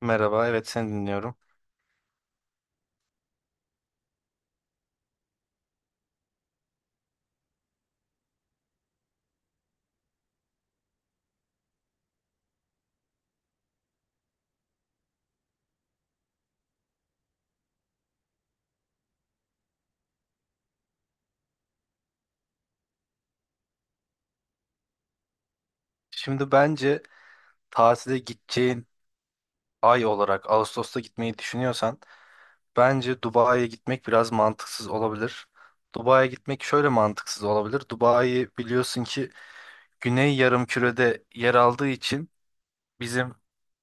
Merhaba, evet seni dinliyorum. Şimdi bence tatile gideceğin ay olarak Ağustos'ta gitmeyi düşünüyorsan bence Dubai'ye gitmek biraz mantıksız olabilir. Dubai'ye gitmek şöyle mantıksız olabilir. Dubai biliyorsun ki Güney Yarımküre'de yer aldığı için bizim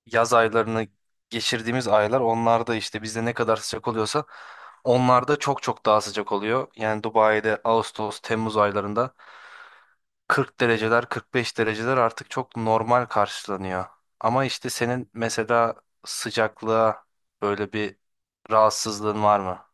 yaz aylarını geçirdiğimiz aylar onlarda işte bizde ne kadar sıcak oluyorsa onlarda çok çok daha sıcak oluyor. Yani Dubai'de Ağustos, Temmuz aylarında 40 dereceler, 45 dereceler artık çok normal karşılanıyor. Ama işte senin mesela sıcaklığa böyle bir rahatsızlığın var mı?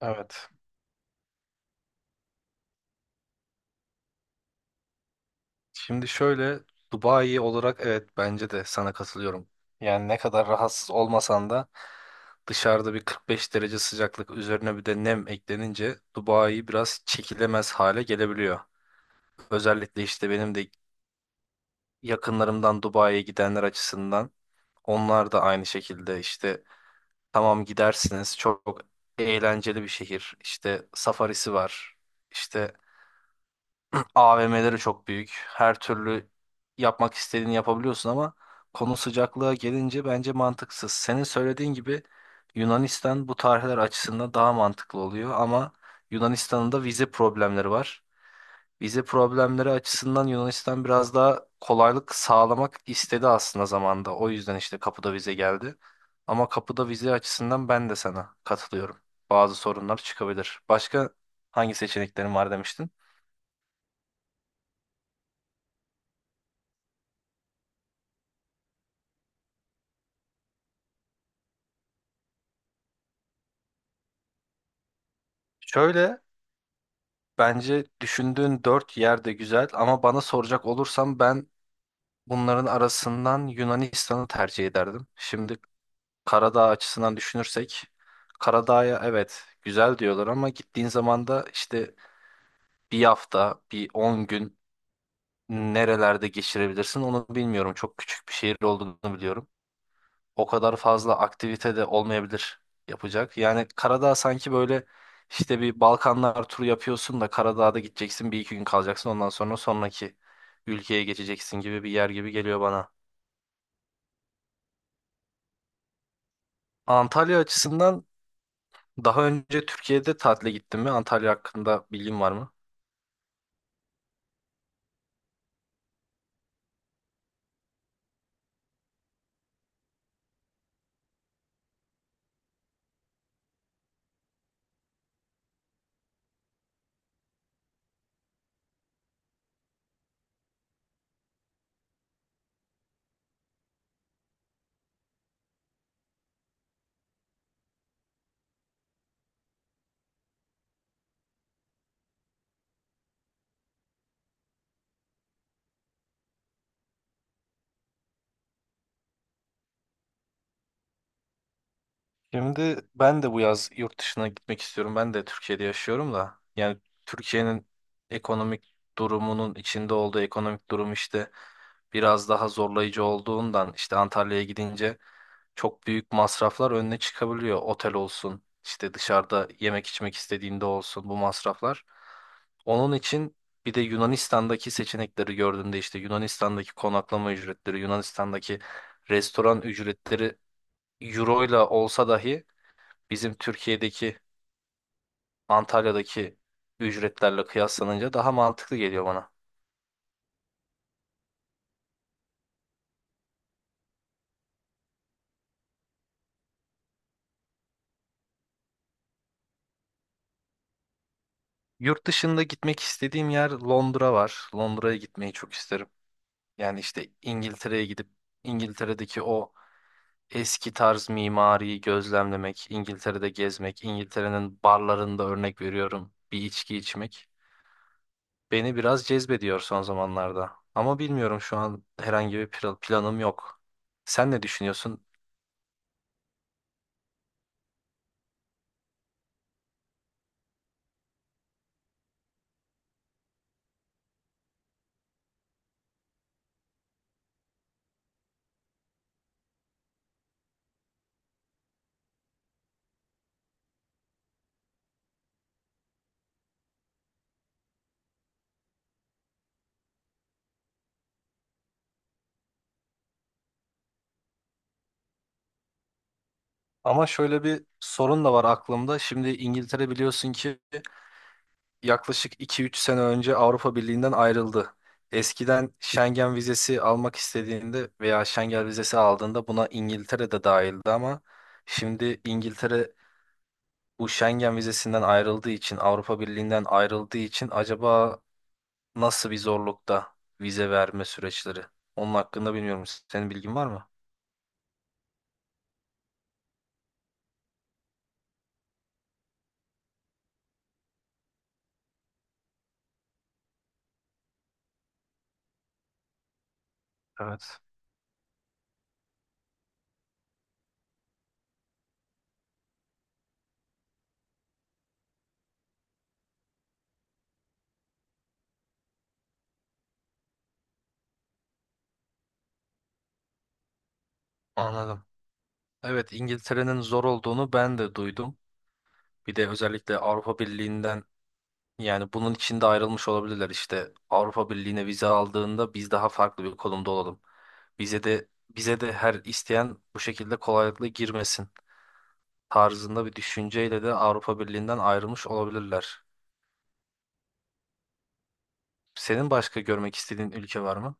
Evet. Şimdi şöyle Dubai olarak evet bence de sana katılıyorum. Yani ne kadar rahatsız olmasan da dışarıda bir 45 derece sıcaklık üzerine bir de nem eklenince Dubai biraz çekilemez hale gelebiliyor. Özellikle işte benim de yakınlarımdan Dubai'ye gidenler açısından onlar da aynı şekilde işte tamam gidersiniz. Çok eğlenceli bir şehir. İşte safarisi var. İşte AVM'leri çok büyük. Her türlü yapmak istediğini yapabiliyorsun ama konu sıcaklığa gelince bence mantıksız. Senin söylediğin gibi Yunanistan bu tarihler açısından daha mantıklı oluyor ama Yunanistan'ın da vize problemleri var. Vize problemleri açısından Yunanistan biraz daha kolaylık sağlamak istedi aslında zamanda. O yüzden işte kapıda vize geldi. Ama kapıda vize açısından ben de sana katılıyorum. Bazı sorunlar çıkabilir. Başka hangi seçeneklerin var demiştin? Şöyle bence düşündüğün dört yer de güzel ama bana soracak olursam ben bunların arasından Yunanistan'ı tercih ederdim. Şimdi Karadağ açısından düşünürsek Karadağ'ya evet güzel diyorlar ama gittiğin zaman da işte bir hafta, bir 10 gün nerelerde geçirebilirsin onu bilmiyorum. Çok küçük bir şehir olduğunu biliyorum. O kadar fazla aktivite de olmayabilir yapacak. Yani Karadağ sanki böyle işte bir Balkanlar turu yapıyorsun da Karadağ'da gideceksin bir iki gün kalacaksın ondan sonra sonraki ülkeye geçeceksin gibi bir yer gibi geliyor bana. Antalya açısından daha önce Türkiye'de tatile gittin mi? Antalya hakkında bilgin var mı? Şimdi ben de bu yaz yurt dışına gitmek istiyorum. Ben de Türkiye'de yaşıyorum da. Yani Türkiye'nin ekonomik durumunun içinde olduğu ekonomik durum işte biraz daha zorlayıcı olduğundan işte Antalya'ya gidince çok büyük masraflar önüne çıkabiliyor. Otel olsun, işte dışarıda yemek içmek istediğinde olsun bu masraflar. Onun için bir de Yunanistan'daki seçenekleri gördüğümde işte Yunanistan'daki konaklama ücretleri, Yunanistan'daki restoran ücretleri euro ile olsa dahi bizim Türkiye'deki Antalya'daki ücretlerle kıyaslanınca daha mantıklı geliyor bana. Yurt dışında gitmek istediğim yer Londra var. Londra'ya gitmeyi çok isterim. Yani işte İngiltere'ye gidip İngiltere'deki o eski tarz mimariyi gözlemlemek, İngiltere'de gezmek, İngiltere'nin barlarında örnek veriyorum bir içki içmek beni biraz cezbediyor son zamanlarda. Ama bilmiyorum şu an herhangi bir planım yok. Sen ne düşünüyorsun? Ama şöyle bir sorun da var aklımda. Şimdi İngiltere biliyorsun ki yaklaşık iki üç sene önce Avrupa Birliği'nden ayrıldı. Eskiden Schengen vizesi almak istediğinde veya Schengen vizesi aldığında buna İngiltere de dahildi ama şimdi İngiltere bu Schengen vizesinden ayrıldığı için, Avrupa Birliği'nden ayrıldığı için acaba nasıl bir zorlukta vize verme süreçleri? Onun hakkında bilmiyorum. Senin bilgin var mı? Evet. Anladım. Evet, İngiltere'nin zor olduğunu ben de duydum. Bir de özellikle Avrupa Birliği'nden yani bunun içinde ayrılmış olabilirler işte. Avrupa Birliği'ne vize aldığında biz daha farklı bir konumda olalım. Bize de her isteyen bu şekilde kolaylıkla girmesin tarzında bir düşünceyle de Avrupa Birliği'nden ayrılmış olabilirler. Senin başka görmek istediğin ülke var mı?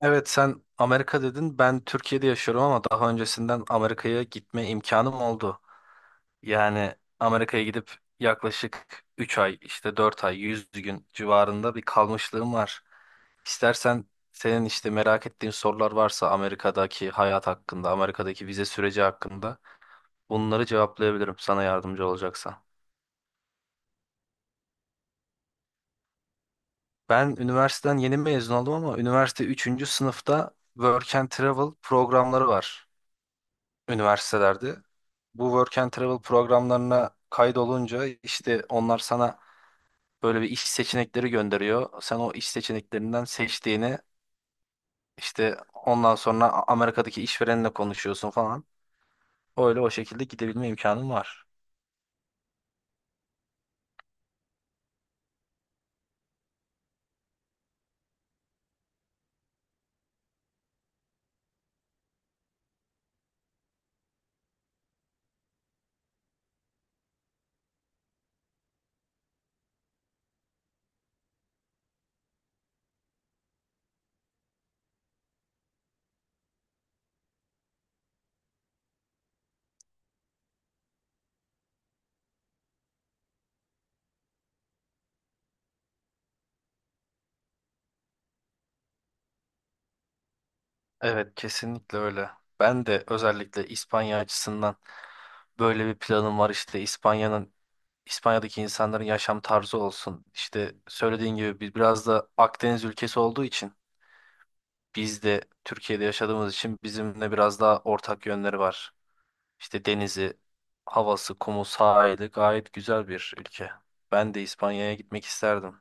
Evet sen Amerika dedin. Ben Türkiye'de yaşıyorum ama daha öncesinden Amerika'ya gitme imkanım oldu. Yani Amerika'ya gidip yaklaşık 3 ay işte 4 ay 100 gün civarında bir kalmışlığım var. İstersen senin işte merak ettiğin sorular varsa Amerika'daki hayat hakkında, Amerika'daki vize süreci hakkında bunları cevaplayabilirim sana yardımcı olacaksa. Ben üniversiteden yeni mezun oldum ama üniversite üçüncü sınıfta Work and Travel programları var üniversitelerde. Bu Work and Travel programlarına kaydolunca işte onlar sana böyle bir iş seçenekleri gönderiyor. Sen o iş seçeneklerinden seçtiğini işte ondan sonra Amerika'daki işverenle konuşuyorsun falan. Öyle o şekilde gidebilme imkanın var. Evet kesinlikle öyle. Ben de özellikle İspanya açısından böyle bir planım var işte İspanya'nın İspanya'daki insanların yaşam tarzı olsun. İşte söylediğin gibi biraz da Akdeniz ülkesi olduğu için biz de Türkiye'de yaşadığımız için bizimle biraz daha ortak yönleri var. İşte denizi, havası, kumu, sahili gayet güzel bir ülke. Ben de İspanya'ya gitmek isterdim.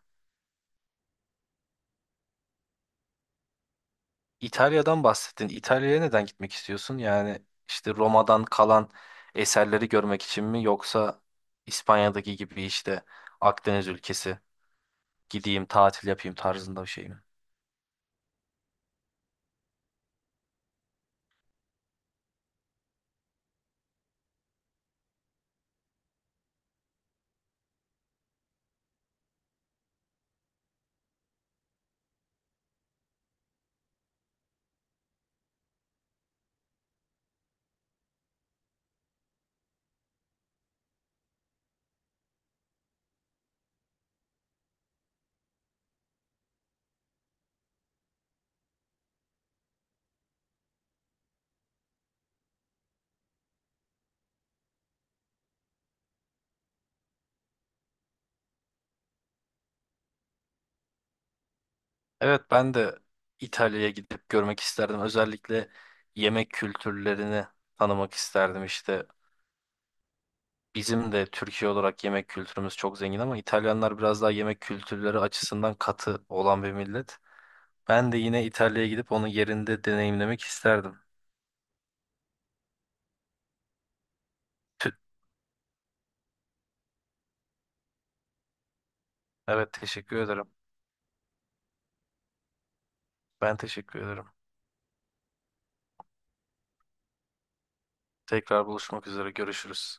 İtalya'dan bahsettin. İtalya'ya neden gitmek istiyorsun? Yani işte Roma'dan kalan eserleri görmek için mi yoksa İspanya'daki gibi işte Akdeniz ülkesi gideyim tatil yapayım tarzında bir şey mi? Evet ben de İtalya'ya gidip görmek isterdim. Özellikle yemek kültürlerini tanımak isterdim işte. Bizim de Türkiye olarak yemek kültürümüz çok zengin ama İtalyanlar biraz daha yemek kültürleri açısından katı olan bir millet. Ben de yine İtalya'ya gidip onu yerinde deneyimlemek isterdim. Tü- Evet teşekkür ederim. Ben teşekkür ederim. Tekrar buluşmak üzere. Görüşürüz.